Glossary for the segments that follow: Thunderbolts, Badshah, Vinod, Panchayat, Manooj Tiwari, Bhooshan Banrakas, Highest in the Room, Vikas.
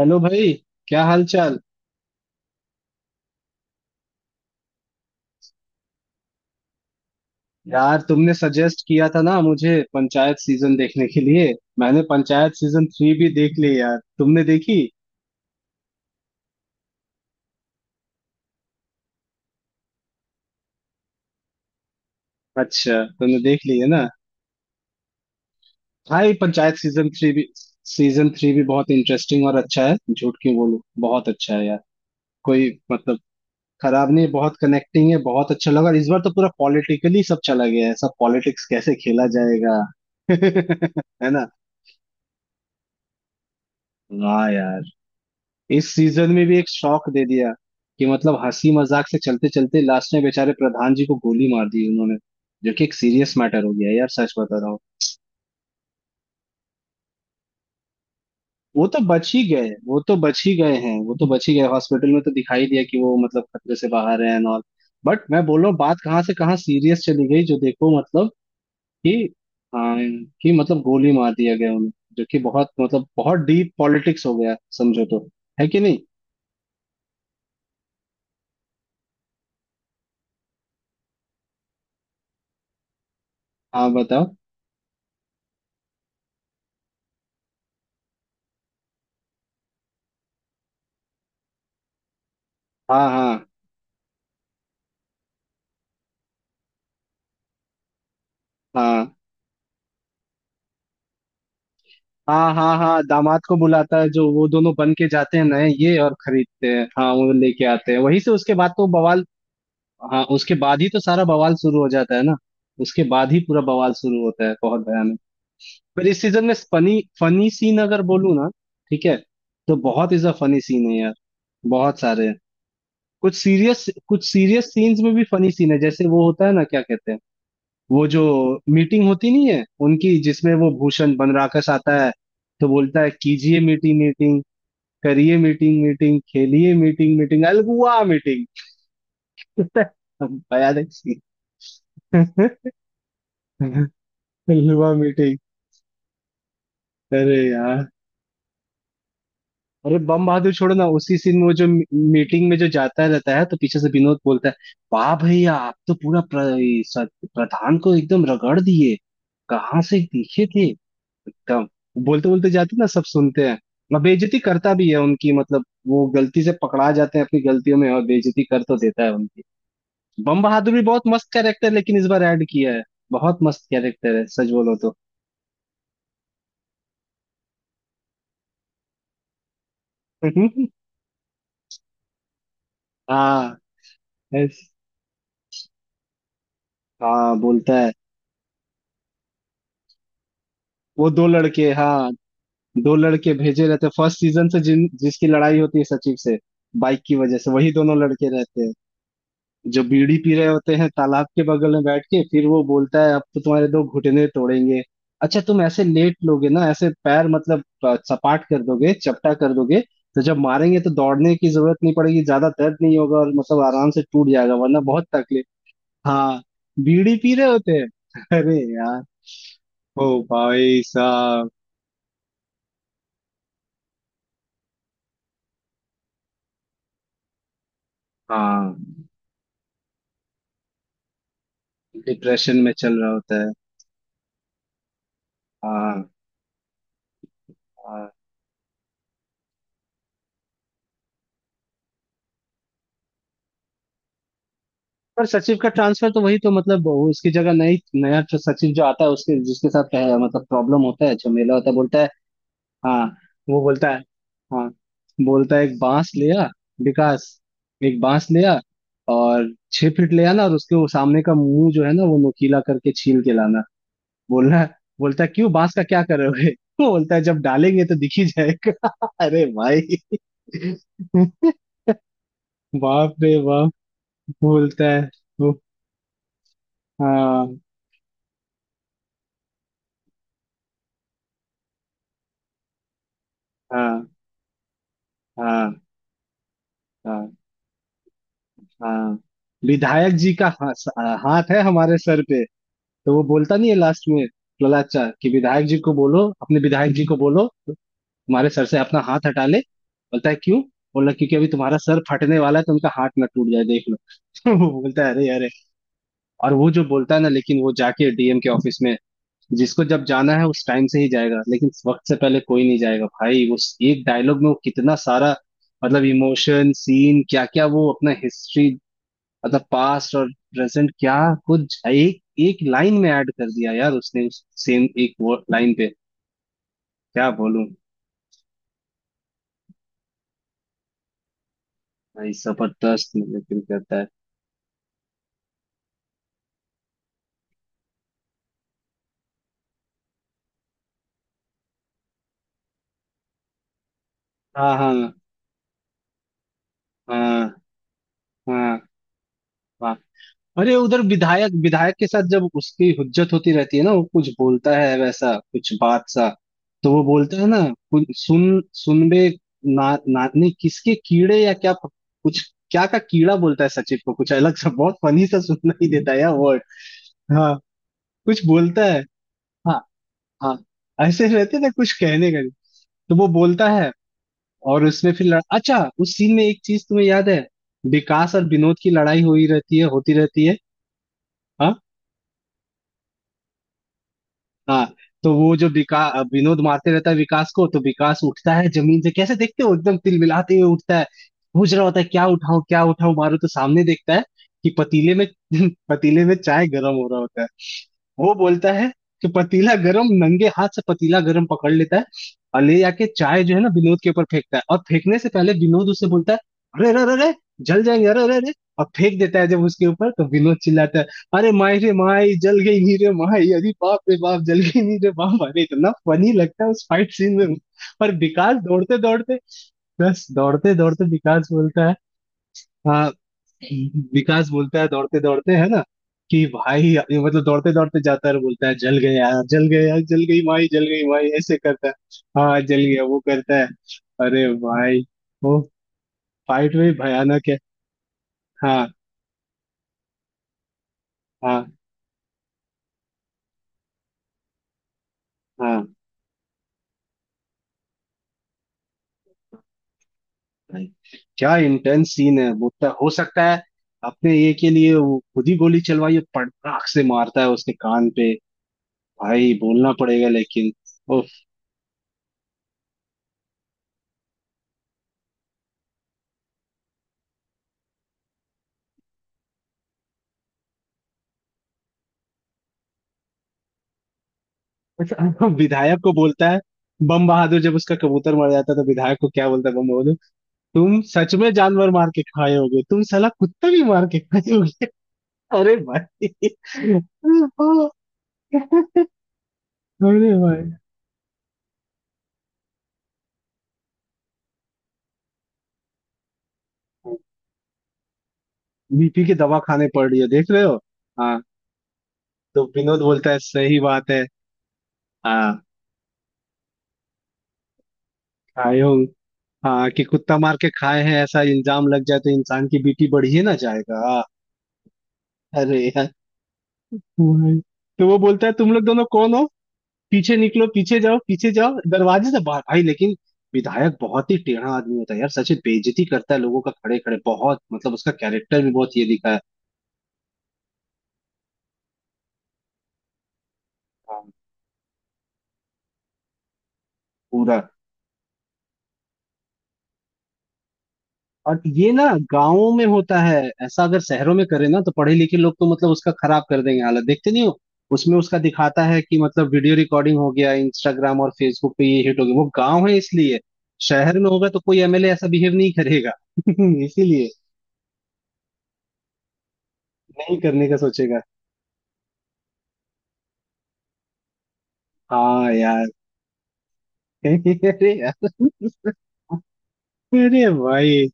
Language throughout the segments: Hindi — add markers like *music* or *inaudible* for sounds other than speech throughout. हेलो भाई। क्या हाल चाल। यार तुमने सजेस्ट किया था ना मुझे पंचायत सीजन देखने के लिए। मैंने पंचायत सीजन थ्री भी देख ली यार, तुमने देखी? अच्छा, तुमने देख ली है ना। भाई पंचायत सीजन थ्री भी बहुत इंटरेस्टिंग और अच्छा है, झूठ क्यों बोलूं। बहुत अच्छा है यार। कोई मतलब खराब नहीं, बहुत कनेक्टिंग है, बहुत अच्छा लगा। और इस बार तो पूरा पॉलिटिकली सब चला गया है, सब पॉलिटिक्स कैसे खेला जाएगा। *laughs* है ना। वाह यार, इस सीजन में भी एक शॉक दे दिया कि मतलब हंसी मजाक से चलते चलते लास्ट में बेचारे प्रधान जी को गोली मार दी उन्होंने। जो कि एक सीरियस मैटर हो गया यार, सच बता रहा हूँ। वो तो बच ही गए, वो तो बच ही गए हैं, वो तो बच ही गए, हॉस्पिटल में तो दिखाई दिया कि वो मतलब खतरे से बाहर है एंड ऑल। बट मैं बोल रहा हूँ, बात कहाँ से कहाँ सीरियस चली गई, जो देखो मतलब कि हाँ, कि मतलब गोली मार दिया गया उन्हें। जो कि बहुत मतलब बहुत डीप पॉलिटिक्स हो गया समझो तो। है कि नहीं। हाँ बताओ। हाँ हाँ हाँ हाँ हाँ हाँ, दामाद को बुलाता है, जो वो दोनों बन के जाते हैं नए ये और खरीदते हैं, हाँ वो लेके आते हैं वहीं से, उसके बाद तो बवाल। हाँ, उसके बाद ही तो सारा बवाल शुरू हो जाता है ना। उसके बाद ही पूरा बवाल शुरू होता है, बहुत भयानक। पर इस सीजन में फनी फनी सीन अगर बोलूँ ना, ठीक है, तो बहुत इज अ फनी सीन है यार, बहुत सारे हैं। कुछ सीरियस, कुछ सीरियस सीन्स में भी फनी सीन है, जैसे वो होता है ना, क्या कहते हैं, वो जो मीटिंग होती नहीं है उनकी जिसमें वो भूषण बनराकस आता है, तो बोलता है कीजिए मीटिंग मीटिंग, करिए मीटिंग मीटिंग, खेलिए मीटिंग मीटिंग अलगुआ मीटिंग। *laughs* भयानक scene। *laughs* अलगुआ मीटिंग। अरे यार, अरे बम बहादुर छोड़ो ना, उसी सीन में वो जो मीटिंग में जो जाता रहता है तो पीछे से विनोद बोलता है, वाह भैया आप तो पूरा प्रधान को एकदम रगड़ दिए, कहाँ से दिखे थे एकदम। बोलते बोलते जाते ना, सब सुनते हैं। मैं बेइज्जती करता भी है उनकी, मतलब वो गलती से पकड़ा जाते हैं अपनी गलतियों में और बेइज्जती कर तो देता है उनकी। बम बहादुर भी बहुत मस्त कैरेक्टर लेकिन इस बार ऐड किया है। बहुत मस्त कैरेक्टर है सच बोलो तो। *laughs* हाँ। ऐस- हाँ बोलता है। वो दो लड़के हाँ, दो लड़के भेजे रहते फर्स्ट सीजन से, जिन जिसकी लड़ाई होती है सचिव से। बाइक की वजह से वही दोनों लड़के रहते हैं, जो बीड़ी पी रहे होते हैं तालाब के बगल में बैठ के। फिर वो बोलता है, अब तो तुम्हारे दो घुटने तोड़ेंगे। अच्छा तुम ऐसे लेट लोगे ना, ऐसे पैर मतलब सपाट कर दोगे, चपटा कर दोगे, तो जब मारेंगे तो दौड़ने की जरूरत नहीं पड़ेगी, ज्यादा दर्द नहीं होगा और मतलब आराम से टूट जाएगा, वरना बहुत तकलीफ। हाँ, बीड़ी पी रहे होते हैं। *laughs* अरे यार, ओ भाई साहब। हाँ, डिप्रेशन में चल रहा होता है। हाँ हाँ। पर सचिव का ट्रांसफर तो वही तो मतलब, वो उसकी जगह नई नया जो सचिव जो आता है उसके जिसके साथ मतलब प्रॉब्लम होता है, झमेला होता है, बोलता है। हाँ, वो बोलता है, हाँ बोलता है एक बांस लिया, विकास, एक बांस लिया और छह फीट ले आना, और उसके वो सामने का मुंह जो है ना वो नुकीला करके छील के लाना। बोलना बोलता है, क्यों बांस का क्या करोगे। *laughs* वो बोलता है जब डालेंगे तो दिख ही जाएगा। *laughs* अरे भाई। *laughs* बाप रे बाप, बोलता है वो। हाँ हाँ हाँ हाँ हाँ। विधायक जी का हाथ है हमारे सर पे, तो वो बोलता नहीं है लास्ट में ललाचा कि विधायक जी को बोलो, अपने विधायक जी को बोलो तुम्हारे सर से अपना हाथ हटा ले। बोलता है क्यों, बोला क्योंकि अभी तुम्हारा सर फटने वाला है, तो उनका हाथ ना टूट जाए, देख लो। *laughs* वो बोलता है अरे अरे। और वो जो बोलता है ना, लेकिन वो जाके डीएम के ऑफिस में, जिसको जब जाना है उस टाइम से ही जाएगा, लेकिन वक्त से पहले कोई नहीं जाएगा। भाई, उस एक डायलॉग में वो कितना सारा मतलब इमोशन सीन, क्या क्या, वो अपना हिस्ट्री मतलब पास्ट और प्रेजेंट क्या कुछ एक एक लाइन में ऐड कर दिया यार उसने, उस सेम एक लाइन पे। क्या बोलूं भाई, जबरदस्त लेकिन करता है। हाँ हाँ हाँ हाँ हाँ। अरे उधर विधायक विधायक के साथ जब उसकी हुज्जत होती रहती है ना, वो कुछ बोलता है वैसा कुछ बात सा, तो वो बोलता है ना, कुछ सुन सुन बे, ना, ना नहीं किसके कीड़े या क्या कुछ, क्या का कीड़ा बोलता है सचिव को, कुछ अलग सा, बहुत फनी सा सुनना ही देता है यार वर्ड, कुछ बोलता है। हाँ हाँ, ऐसे रहते ना, कुछ कहने का नहीं, तो वो बोलता है। और उसमें फिर अच्छा उस सीन में एक चीज तुम्हें याद है, विकास और विनोद की लड़ाई हो ही रहती है, होती रहती है। हाँ हाँ। तो वो जो विकास विनोद मारते रहता है विकास को, तो विकास उठता है जमीन से, कैसे देखते हो, एकदम तिलमिलाते हुए उठता है, पूछ रहा होता है क्या उठाऊं मारो, तो सामने देखता है कि पतीले में, *laughs* पतीले में चाय गर्म हो रहा होता है। वो बोलता है कि पतीला गरम, नंगे हाथ से पतीला गरम पकड़ लेता है और ले जाके चाय जो है ना विनोद के ऊपर फेंकता है, और फेंकने से पहले विनोद उससे बोलता है, अरे अरे अरे अरे, जल जाएंगे अरे अरे अरे। और फेंक देता है जब उसके ऊपर, तो विनोद चिल्लाता है, अरे माई रे माई जल गई नी रे माई, अरे बाप रे बाप जल गई नी रे बाप। अरे इतना फनी लगता है उस फाइट सीन में। पर विकास दौड़ते दौड़ते, बस दौड़ते दौड़ते विकास बोलता है, हाँ विकास बोलता है दौड़ते दौड़ते है ना, कि भाई ये मतलब दौड़ते दौड़ते जाता है और बोलता है जल गया यार, जल गया यार, जल गई माई, जल गई माई, ऐसे करता है। हाँ जल गया वो करता है। अरे भाई, वो फाइट में भयानक है। हाँ हाँ हाँ। भाई क्या इंटेंस सीन है, बोलता है हो सकता है अपने ये के लिए वो खुद ही गोली चलवाई, और पटाख से मारता है उसके कान पे। भाई बोलना पड़ेगा लेकिन। *laughs* अच्छा, विधायक को बोलता है बम बहादुर, जब उसका कबूतर मर जाता है तो विधायक को क्या बोलता है बम बहादुर, तुम सच में जानवर मार के खाए होगे, तुम साला कुत्ता भी मार के खाए होगे। *laughs* अरे भाई, अरे भाई, बीपी की दवा खाने पड़ रही है देख रहे हो। हाँ, तो विनोद बोलता है सही बात है। हाँ, खाए हो। हाँ, कि कुत्ता मार के खाए हैं ऐसा इल्जाम लग जाए तो इंसान की बीपी बढ़ ही ना जाएगा। अरे यार, भाई। तो वो बोलता है तुम लोग दोनों कौन हो, पीछे निकलो, पीछे जाओ, पीछे जाओ दरवाजे से बाहर। भाई लेकिन विधायक बहुत ही टेढ़ा आदमी होता है यार, सच में बेइज्जती करता है लोगों का खड़े खड़े, बहुत मतलब उसका कैरेक्टर भी बहुत ये दिखा है। हाँ पूरा। और ये ना गांवों में होता है ऐसा, अगर शहरों में करे ना तो पढ़े लिखे लोग तो मतलब उसका खराब कर देंगे हालत, देखते नहीं हो। उसमें उसका दिखाता है कि मतलब वीडियो रिकॉर्डिंग हो गया, इंस्टाग्राम और फेसबुक पे ये हिट हो गया, वो गांव है इसलिए, शहर में होगा तो कोई एमएलए ऐसा बिहेव नहीं करेगा। *laughs* इसीलिए नहीं करने का सोचेगा। हाँ यार, अरे यार, अरे भाई,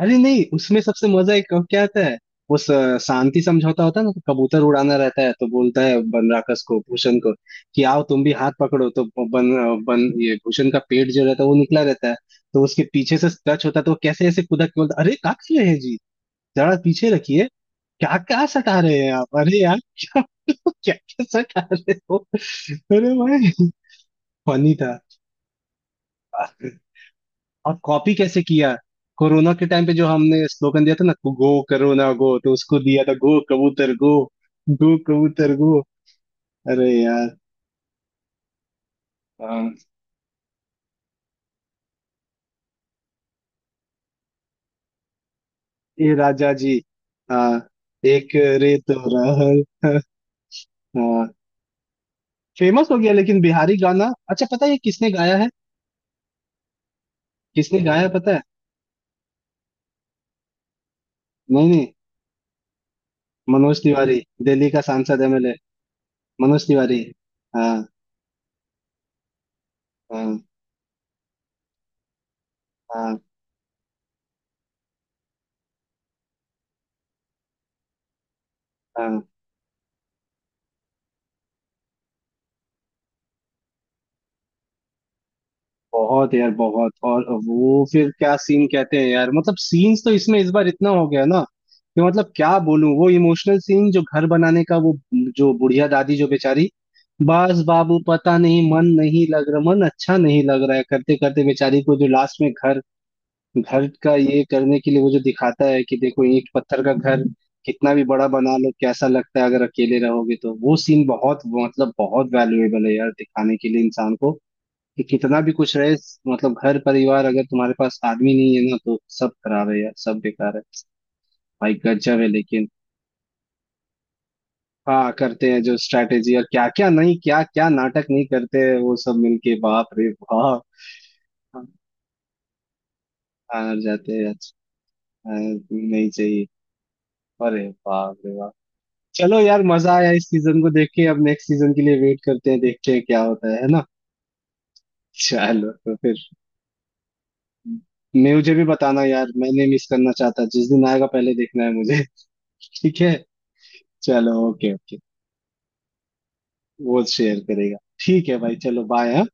अरे नहीं उसमें सबसे मजा एक कब क्या आता है, वो शांति समझौता होता है ना, तो कबूतर उड़ाना रहता है तो बोलता है बनराकस को, भूषण को कि आओ तुम भी हाथ पकड़ो, तो बन बन ये भूषण का पेट जो रहता है वो निकला रहता है, तो उसके पीछे से टच होता है, तो वो कैसे ऐसे कूदा के बोलता है, अरे क्या कर रहे हैं जी, जरा पीछे रखिए, क्या क्या सटा रहे हैं आप, अरे यार। *laughs* क्या क्या क्या सटा रहे हो, अरे भाई फनी था। और कॉपी कैसे किया, कोरोना के टाइम पे जो हमने स्लोगन दिया था ना, गो कोरोना गो, तो उसको दिया था गो कबूतर गो, गो कबूतर गो। अरे यार, हाँ ये राजा जी, हाँ एक रे तो रहल। हाँ फेमस हो गया लेकिन, बिहारी गाना अच्छा, पता है ये किसने गाया है, किसने गाया है पता है, नहीं नहीं मनोज तिवारी, दिल्ली का सांसद एमएलए मनोज तिवारी। हाँ हाँ हाँ हाँ, बहुत यार बहुत। और वो फिर क्या सीन कहते हैं यार, मतलब सीन्स तो इसमें इस बार इतना हो गया ना कि मतलब क्या बोलूं, वो इमोशनल सीन जो घर बनाने का, वो जो बुढ़िया दादी जो बेचारी, बस बाबू पता नहीं मन नहीं लग रहा, मन अच्छा नहीं लग रहा है करते करते बेचारी को, जो लास्ट में घर, घर का ये करने के लिए वो जो दिखाता है कि देखो ईंट पत्थर का घर कितना भी बड़ा बना लो, कैसा लगता है अगर अकेले रहोगे, तो वो सीन बहुत मतलब बहुत वैल्यूएबल है यार, दिखाने के लिए इंसान को, कि कितना भी कुछ रहे मतलब घर परिवार, अगर तुम्हारे पास आदमी नहीं है ना, तो सब खराब है यार, सब बेकार है। भाई गजब है लेकिन, हाँ करते हैं जो स्ट्रैटेजी, और क्या क्या नहीं, क्या क्या नाटक नहीं करते हैं वो सब मिलके, बाप रे बाप। हाँ, हार जाते हैं अच्छा। हाँ, नहीं चाहिए। अरे बाप रे बाप। चलो यार, मजा आया इस सीजन को देख के, अब नेक्स्ट सीजन के लिए वेट करते हैं, देखते हैं क्या होता है ना। चलो तो फिर, मुझे भी बताना यार, मैंने मिस करना चाहता, जिस दिन आएगा पहले देखना है मुझे। ठीक है, चलो, ओके ओके। वो शेयर करेगा। ठीक है भाई चलो बाय।